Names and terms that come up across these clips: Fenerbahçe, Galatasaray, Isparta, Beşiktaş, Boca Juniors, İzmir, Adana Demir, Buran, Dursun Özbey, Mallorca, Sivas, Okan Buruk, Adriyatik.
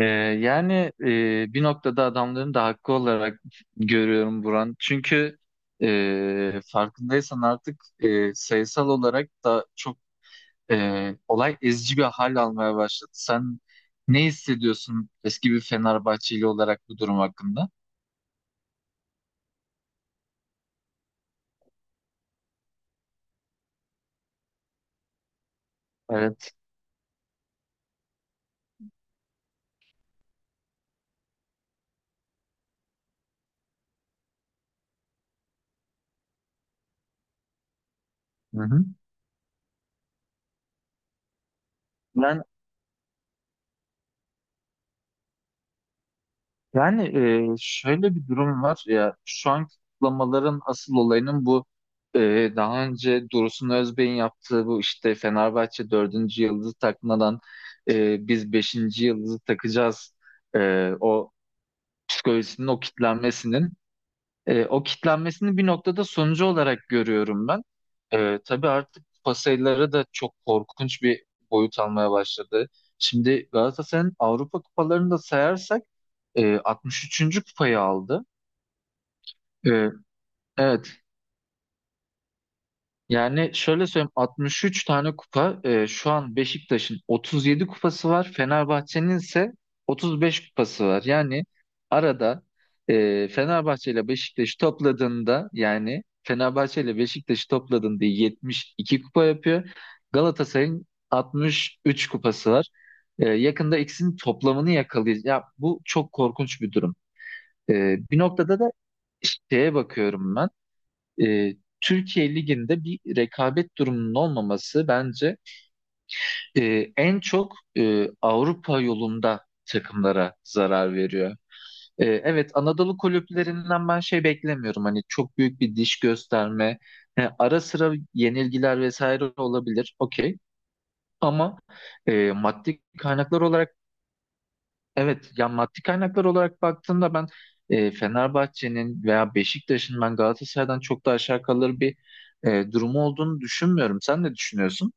Ee, yani bir noktada adamların da hakkı olarak görüyorum Buran. Çünkü farkındaysan artık sayısal olarak da çok olay ezici bir hal almaya başladı. Sen ne hissediyorsun eski bir Fenerbahçeli olarak bu durum hakkında? Evet. Hı hı. Yani şöyle bir durum var ya şu an kutlamaların asıl olayının bu e, daha önce Dursun Özbey'in yaptığı bu işte Fenerbahçe 4. yıldızı takmadan biz 5. yıldızı takacağız, o psikolojisinin o kitlenmesinin o kitlenmesini bir noktada sonucu olarak görüyorum ben. Tabii artık pasayları da çok korkunç bir boyut almaya başladı. Şimdi Galatasaray'ın Avrupa kupalarını da sayarsak 63. kupayı aldı. E, evet, yani şöyle söyleyeyim, 63 tane kupa, şu an Beşiktaş'ın 37 kupası var. Fenerbahçe'nin ise 35 kupası var. Yani arada Fenerbahçe ile Beşiktaş topladığında, yani Fenerbahçe ile Beşiktaş'ı topladığında 72 kupa yapıyor. Galatasaray'ın 63 kupası var. Yakında ikisinin toplamını yakalayacağız. Ya bu çok korkunç bir durum. E, Bir noktada da şeye bakıyorum ben, e, Türkiye Ligi'nde bir rekabet durumunun olmaması bence en çok Avrupa yolunda takımlara zarar veriyor. Evet, Anadolu kulüplerinden ben şey beklemiyorum, hani çok büyük bir diş gösterme, ara sıra yenilgiler vesaire olabilir, okey, ama maddi kaynaklar olarak evet, ya maddi kaynaklar olarak baktığımda ben Fenerbahçe'nin veya Beşiktaş'ın, ben Galatasaray'dan çok da aşağı kalır bir durumu olduğunu düşünmüyorum. Sen ne düşünüyorsun?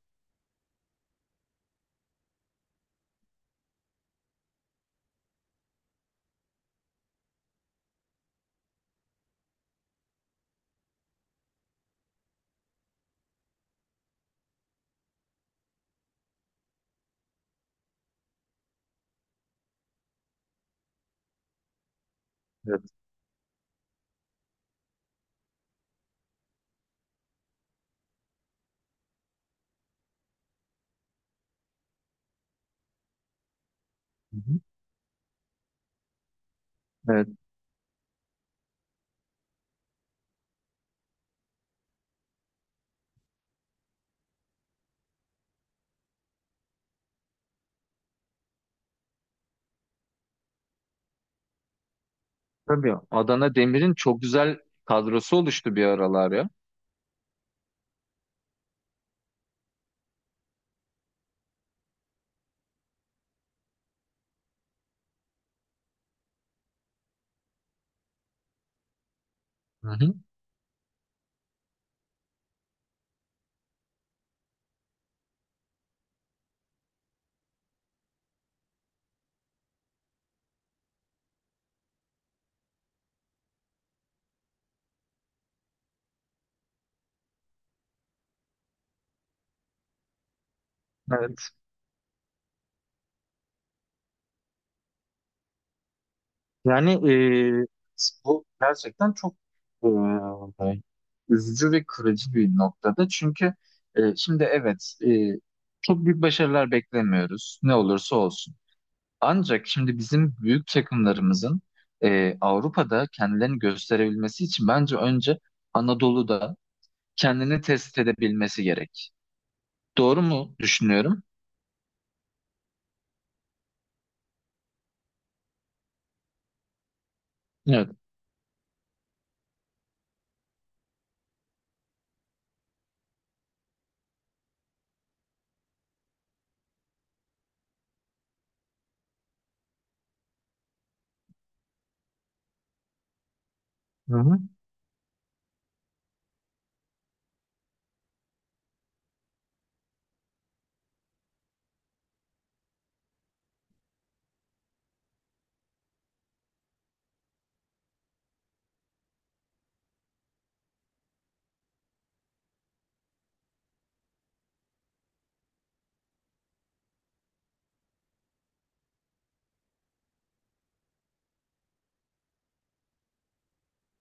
Evet. Hı hı. Evet, tabii Adana Demir'in çok güzel kadrosu oluştu bir aralar ya. Hı hı. Evet. Yani bu gerçekten çok e, üzücü ve kırıcı bir noktada. Çünkü şimdi evet, çok büyük başarılar beklemiyoruz. Ne olursa olsun. Ancak şimdi bizim büyük takımlarımızın Avrupa'da kendilerini gösterebilmesi için bence önce Anadolu'da kendini test edebilmesi gerek. Doğru mu düşünüyorum? Evet. Hı hı.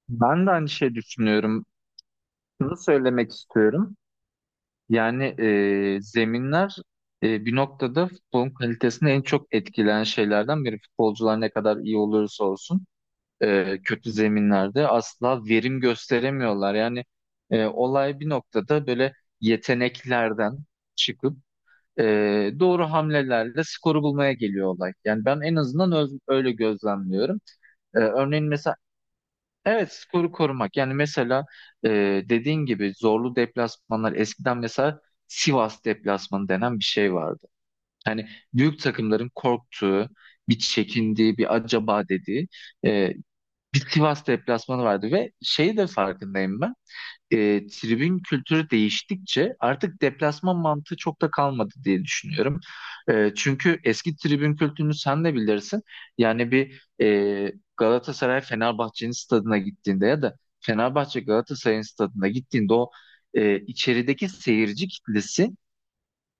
Ben de aynı şey düşünüyorum. Bunu söylemek istiyorum. Yani zeminler, bir noktada futbolun kalitesini en çok etkileyen şeylerden biri. Futbolcular ne kadar iyi olursa olsun, kötü zeminlerde asla verim gösteremiyorlar. Yani olay bir noktada böyle yeteneklerden çıkıp e, doğru hamlelerle skoru bulmaya geliyor olay. Yani ben en azından öyle gözlemliyorum. Örneğin mesela evet, skoru korumak. Yani mesela e, dediğin gibi, zorlu deplasmanlar eskiden, mesela Sivas deplasmanı denen bir şey vardı. Yani büyük takımların korktuğu, bir çekindiği, bir acaba dediği, e, bir Sivas deplasmanı vardı ve şeyi de farkındayım ben. Tribün kültürü değiştikçe artık deplasman mantığı çok da kalmadı diye düşünüyorum. Çünkü eski tribün kültürünü sen de bilirsin. Yani bir Galatasaray Fenerbahçe'nin stadına gittiğinde ya da Fenerbahçe Galatasaray'ın stadına gittiğinde o içerideki seyirci kitlesi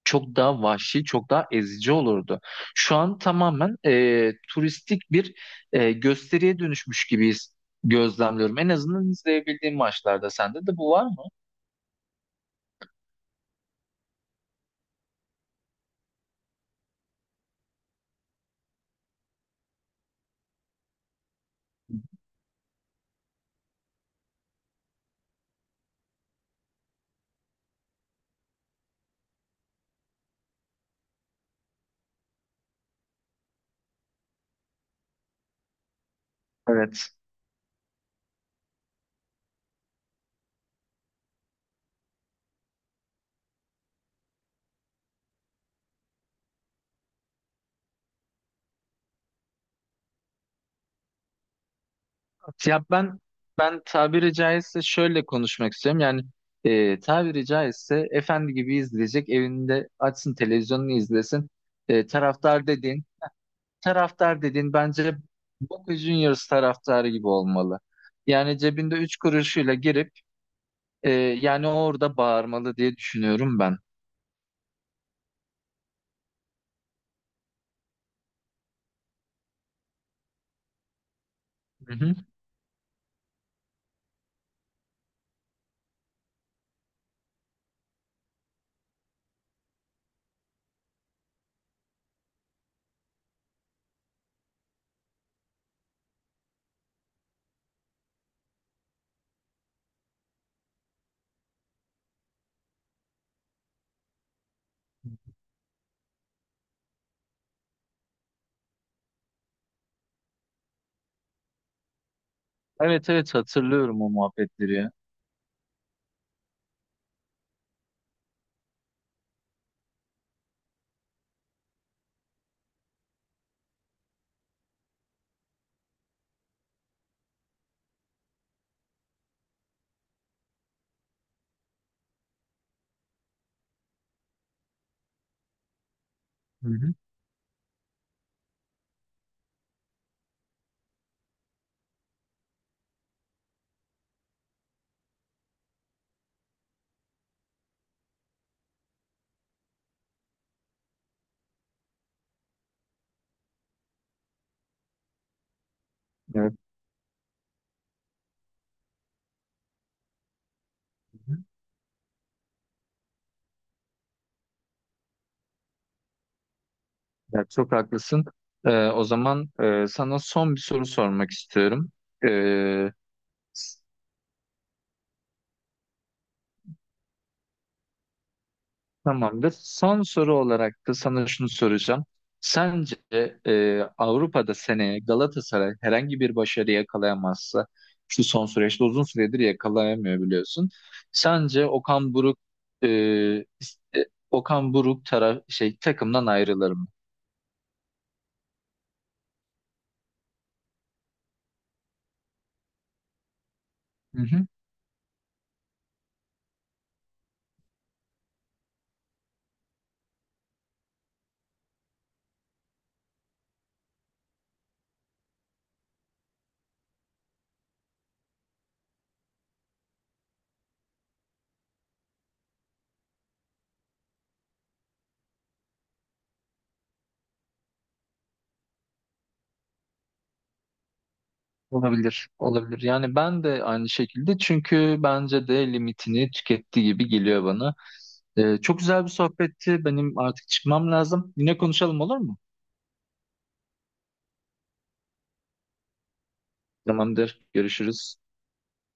çok daha vahşi, çok daha ezici olurdu. Şu an tamamen turistik bir gösteriye dönüşmüş gibiyiz gözlemliyorum. En azından izleyebildiğim maçlarda sende de bu var mı? Evet. Ya ben tabiri caizse şöyle konuşmak istiyorum. Yani tabiri caizse efendi gibi izleyecek, evinde açsın televizyonunu izlesin. Taraftar dediğin, taraftar dediğin bence Boca Juniors taraftarı gibi olmalı. Yani cebinde 3 kuruşuyla girip Ee, yani orada bağırmalı diye düşünüyorum ben. Hı hı. Evet, evet, hatırlıyorum o muhabbetleri ya. Hı hı. Evet. Hı hı. Ya, çok haklısın. O zaman sana son bir soru sormak istiyorum. Ee, Tamamdır. Son soru olarak da sana şunu soracağım. Sence Avrupa'da seneye Galatasaray herhangi bir başarı yakalayamazsa, şu son süreçte uzun süredir yakalayamıyor biliyorsun. Sence Okan Buruk e, is- e, Okan Buruk taraf şey takımdan ayrılır mı? Hı hı. Olabilir, olabilir. Yani ben de aynı şekilde, çünkü bence de limitini tüketti gibi geliyor bana. Çok güzel bir sohbetti. Benim artık çıkmam lazım. Yine konuşalım, olur mu? Tamamdır. Görüşürüz.